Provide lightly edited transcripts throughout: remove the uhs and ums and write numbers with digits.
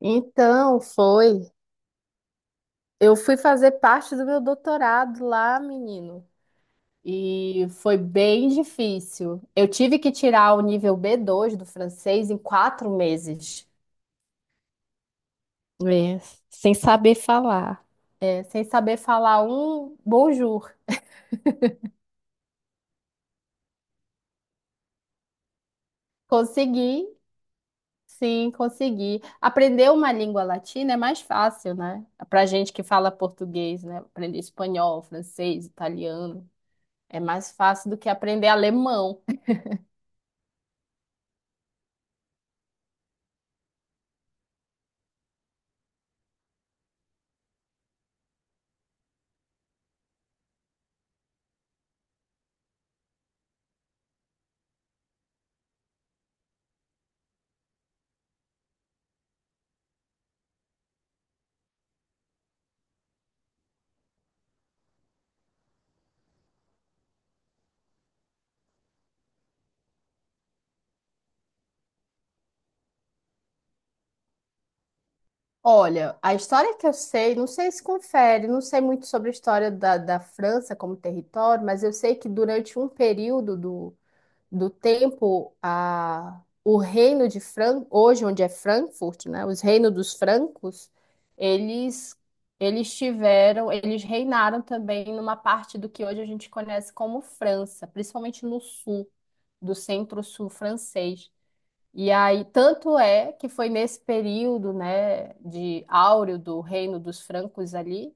Então, foi. Eu fui fazer parte do meu doutorado lá, menino. E foi bem difícil. Eu tive que tirar o nível B2 do francês em 4 meses. É, sem saber falar. É, sem saber falar um bonjour. Consegui, sim, consegui. Aprender uma língua latina é mais fácil, né? Pra gente que fala português, né? Aprender espanhol, francês, italiano. É mais fácil do que aprender alemão. Olha, a história que eu sei, não sei se confere, não sei muito sobre a história da França como território, mas eu sei que durante um período do tempo, o reino de Fran, hoje onde é Frankfurt, né, os reinos dos francos, eles, eles tiveram, eles reinaram também numa parte do que hoje a gente conhece como França, principalmente no sul, do centro-sul francês. E aí, tanto é que foi nesse período, né, de áureo do reino dos francos ali,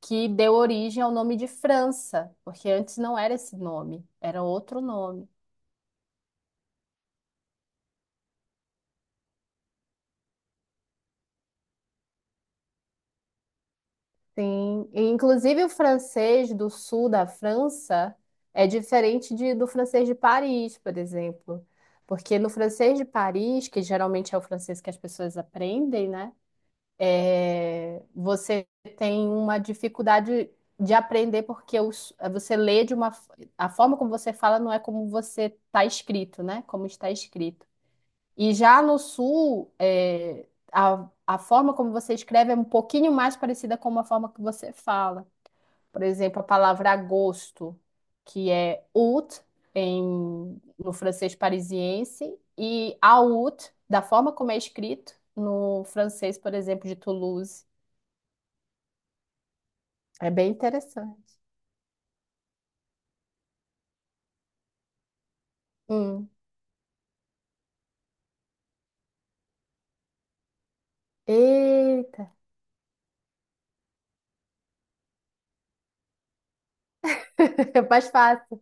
que deu origem ao nome de França, porque antes não era esse nome, era outro nome. Sim, e inclusive o francês do sul da França é diferente de, do francês de Paris, por exemplo. Porque no francês de Paris, que geralmente é o francês que as pessoas aprendem, né? É, você tem uma dificuldade de aprender porque você lê de uma a forma como você fala não é como você está escrito, né? Como está escrito. E já no sul, é, a forma como você escreve é um pouquinho mais parecida com a forma que você fala. Por exemplo, a palavra agosto, que é août em, no francês parisiense, e août, da forma como é escrito no francês, por exemplo, de Toulouse. É bem interessante. Hum. Eita, é mais fácil.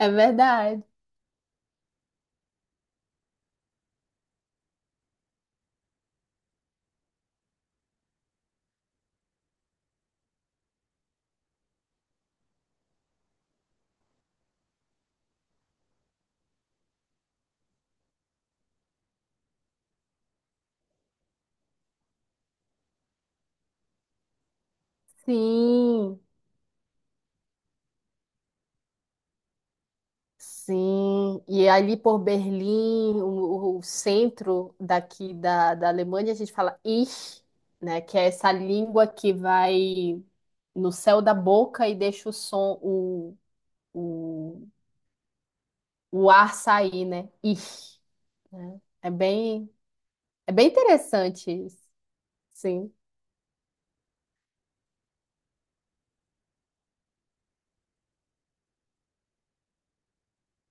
É verdade. Sim, sim. E ali por Berlim, o centro daqui da Alemanha, a gente fala Ich, né? Que é essa língua que vai no céu da boca e deixa o som, o, o ar sair, né? Ich, né? É bem interessante isso. Sim.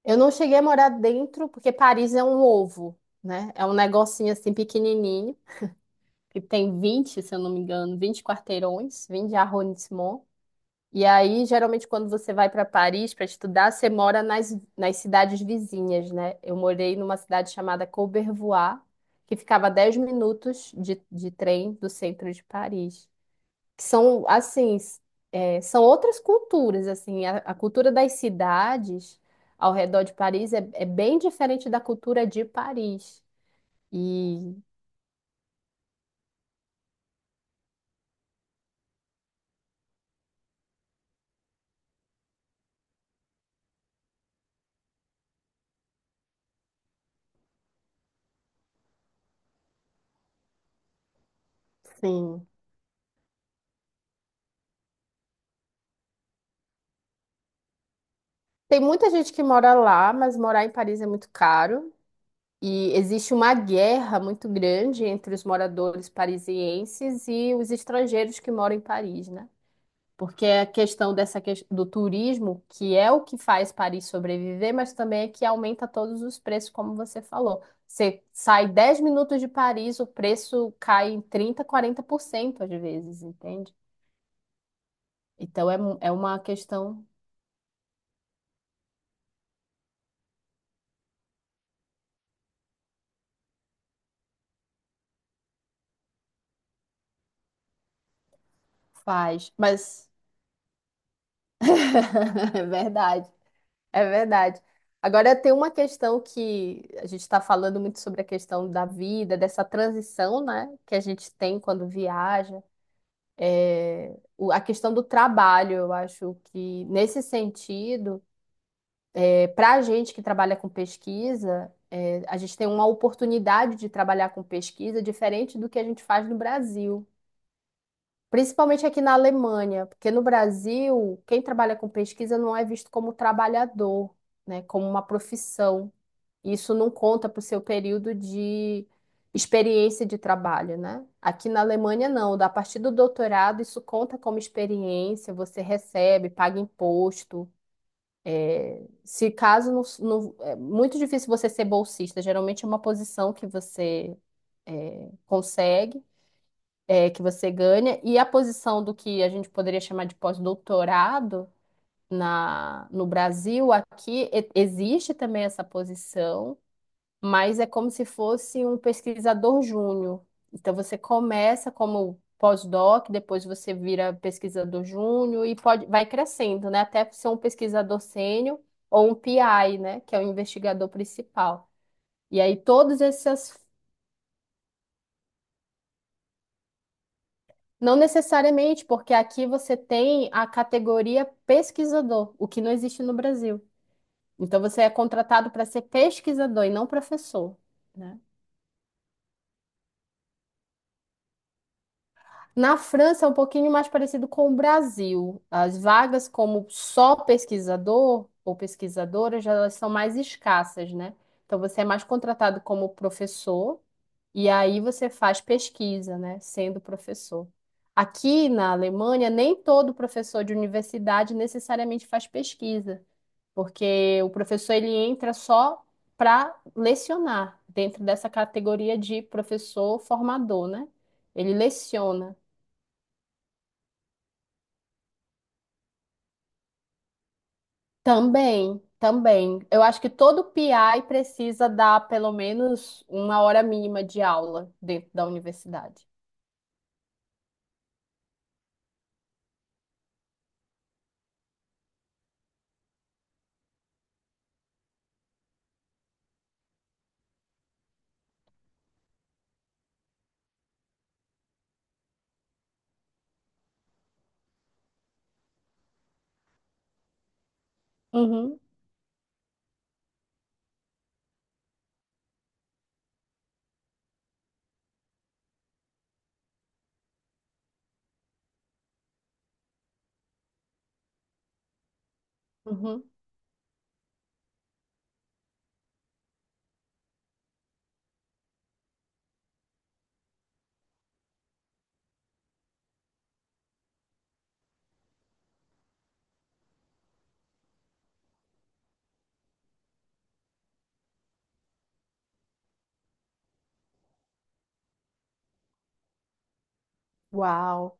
Eu não cheguei a morar dentro, porque Paris é um ovo, né? É um negocinho assim pequenininho, que tem 20, se eu não me engano, 20 quarteirões, 20 arrondissements. E aí, geralmente, quando você vai para Paris para estudar, você mora nas cidades vizinhas, né? Eu morei numa cidade chamada Courbevoie, que ficava 10 minutos de trem do centro de Paris, são assim, é, são outras culturas, assim, a cultura das cidades ao redor de Paris é, é bem diferente da cultura de Paris. E sim, tem muita gente que mora lá, mas morar em Paris é muito caro. E existe uma guerra muito grande entre os moradores parisienses e os estrangeiros que moram em Paris, né? Porque a questão dessa do turismo, que é o que faz Paris sobreviver, mas também é que aumenta todos os preços, como você falou. Você sai 10 minutos de Paris, o preço cai em 30, 40% às vezes, entende? Então é, é uma questão. Faz, mas é verdade, é verdade. Agora tem uma questão que a gente está falando muito sobre a questão da vida, dessa transição, né, que a gente tem quando viaja, a questão do trabalho, eu acho que nesse sentido, é, para a gente que trabalha com pesquisa, é, a gente tem uma oportunidade de trabalhar com pesquisa diferente do que a gente faz no Brasil, principalmente aqui na Alemanha, porque no Brasil, quem trabalha com pesquisa não é visto como trabalhador, né, como uma profissão. Isso não conta para o seu período de experiência de trabalho, né? Aqui na Alemanha, não. A partir do doutorado, isso conta como experiência, você recebe, paga imposto. Se caso é muito difícil você ser bolsista, geralmente é uma posição que você consegue, é, que você ganha, e a posição do que a gente poderia chamar de pós-doutorado no Brasil, aqui existe também essa posição. Mas é como se fosse um pesquisador júnior. Então você começa como pós-doc, depois você vira pesquisador júnior e pode, vai crescendo, né? Até ser um pesquisador sênior ou um PI, né? Que é o investigador principal. E aí todas essas, não necessariamente, porque aqui você tem a categoria pesquisador, o que não existe no Brasil. Então você é contratado para ser pesquisador e não professor. Né? Na França é um pouquinho mais parecido com o Brasil. As vagas como só pesquisador ou pesquisadora já elas são mais escassas, né? Então você é mais contratado como professor e aí você faz pesquisa, né, sendo professor. Aqui na Alemanha, nem todo professor de universidade necessariamente faz pesquisa, porque o professor ele entra só para lecionar dentro dessa categoria de professor formador, né? Ele leciona. Também, também. Eu acho que todo PI precisa dar pelo menos uma hora mínima de aula dentro da universidade. Uhum, uhum. Uau.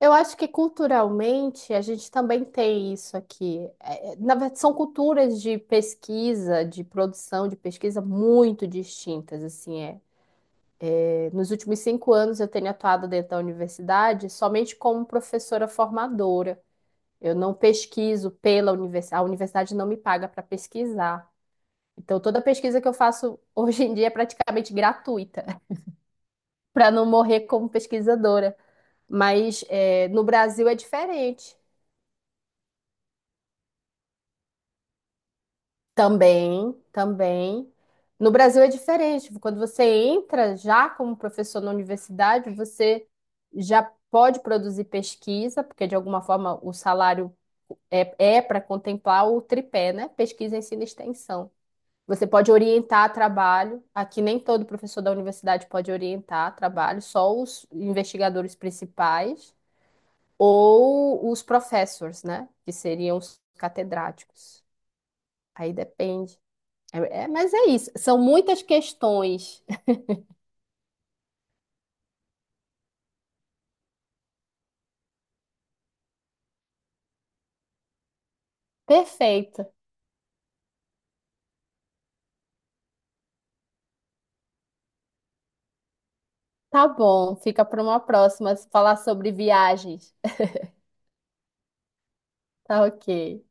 Eu acho que culturalmente a gente também tem isso aqui. É, é, na verdade, são culturas de pesquisa, de produção de pesquisa muito distintas, assim, é. É, nos últimos 5 anos eu tenho atuado dentro da universidade somente como professora formadora. Eu não pesquiso pela universidade, a universidade não me paga para pesquisar. Então, toda pesquisa que eu faço hoje em dia é praticamente gratuita, para não morrer como pesquisadora. Mas é, no Brasil é diferente. Também, também. No Brasil é diferente. Quando você entra já como professor na universidade, você já pode produzir pesquisa, porque de alguma forma o salário é, é para contemplar o tripé, né? Pesquisa, ensino e extensão. Você pode orientar trabalho. Aqui nem todo professor da universidade pode orientar trabalho, só os investigadores principais ou os professors, né? Que seriam os catedráticos. Aí depende. É, é, mas é isso. São muitas questões. Perfeito. Tá bom. Fica para uma próxima falar sobre viagens. Tá ok.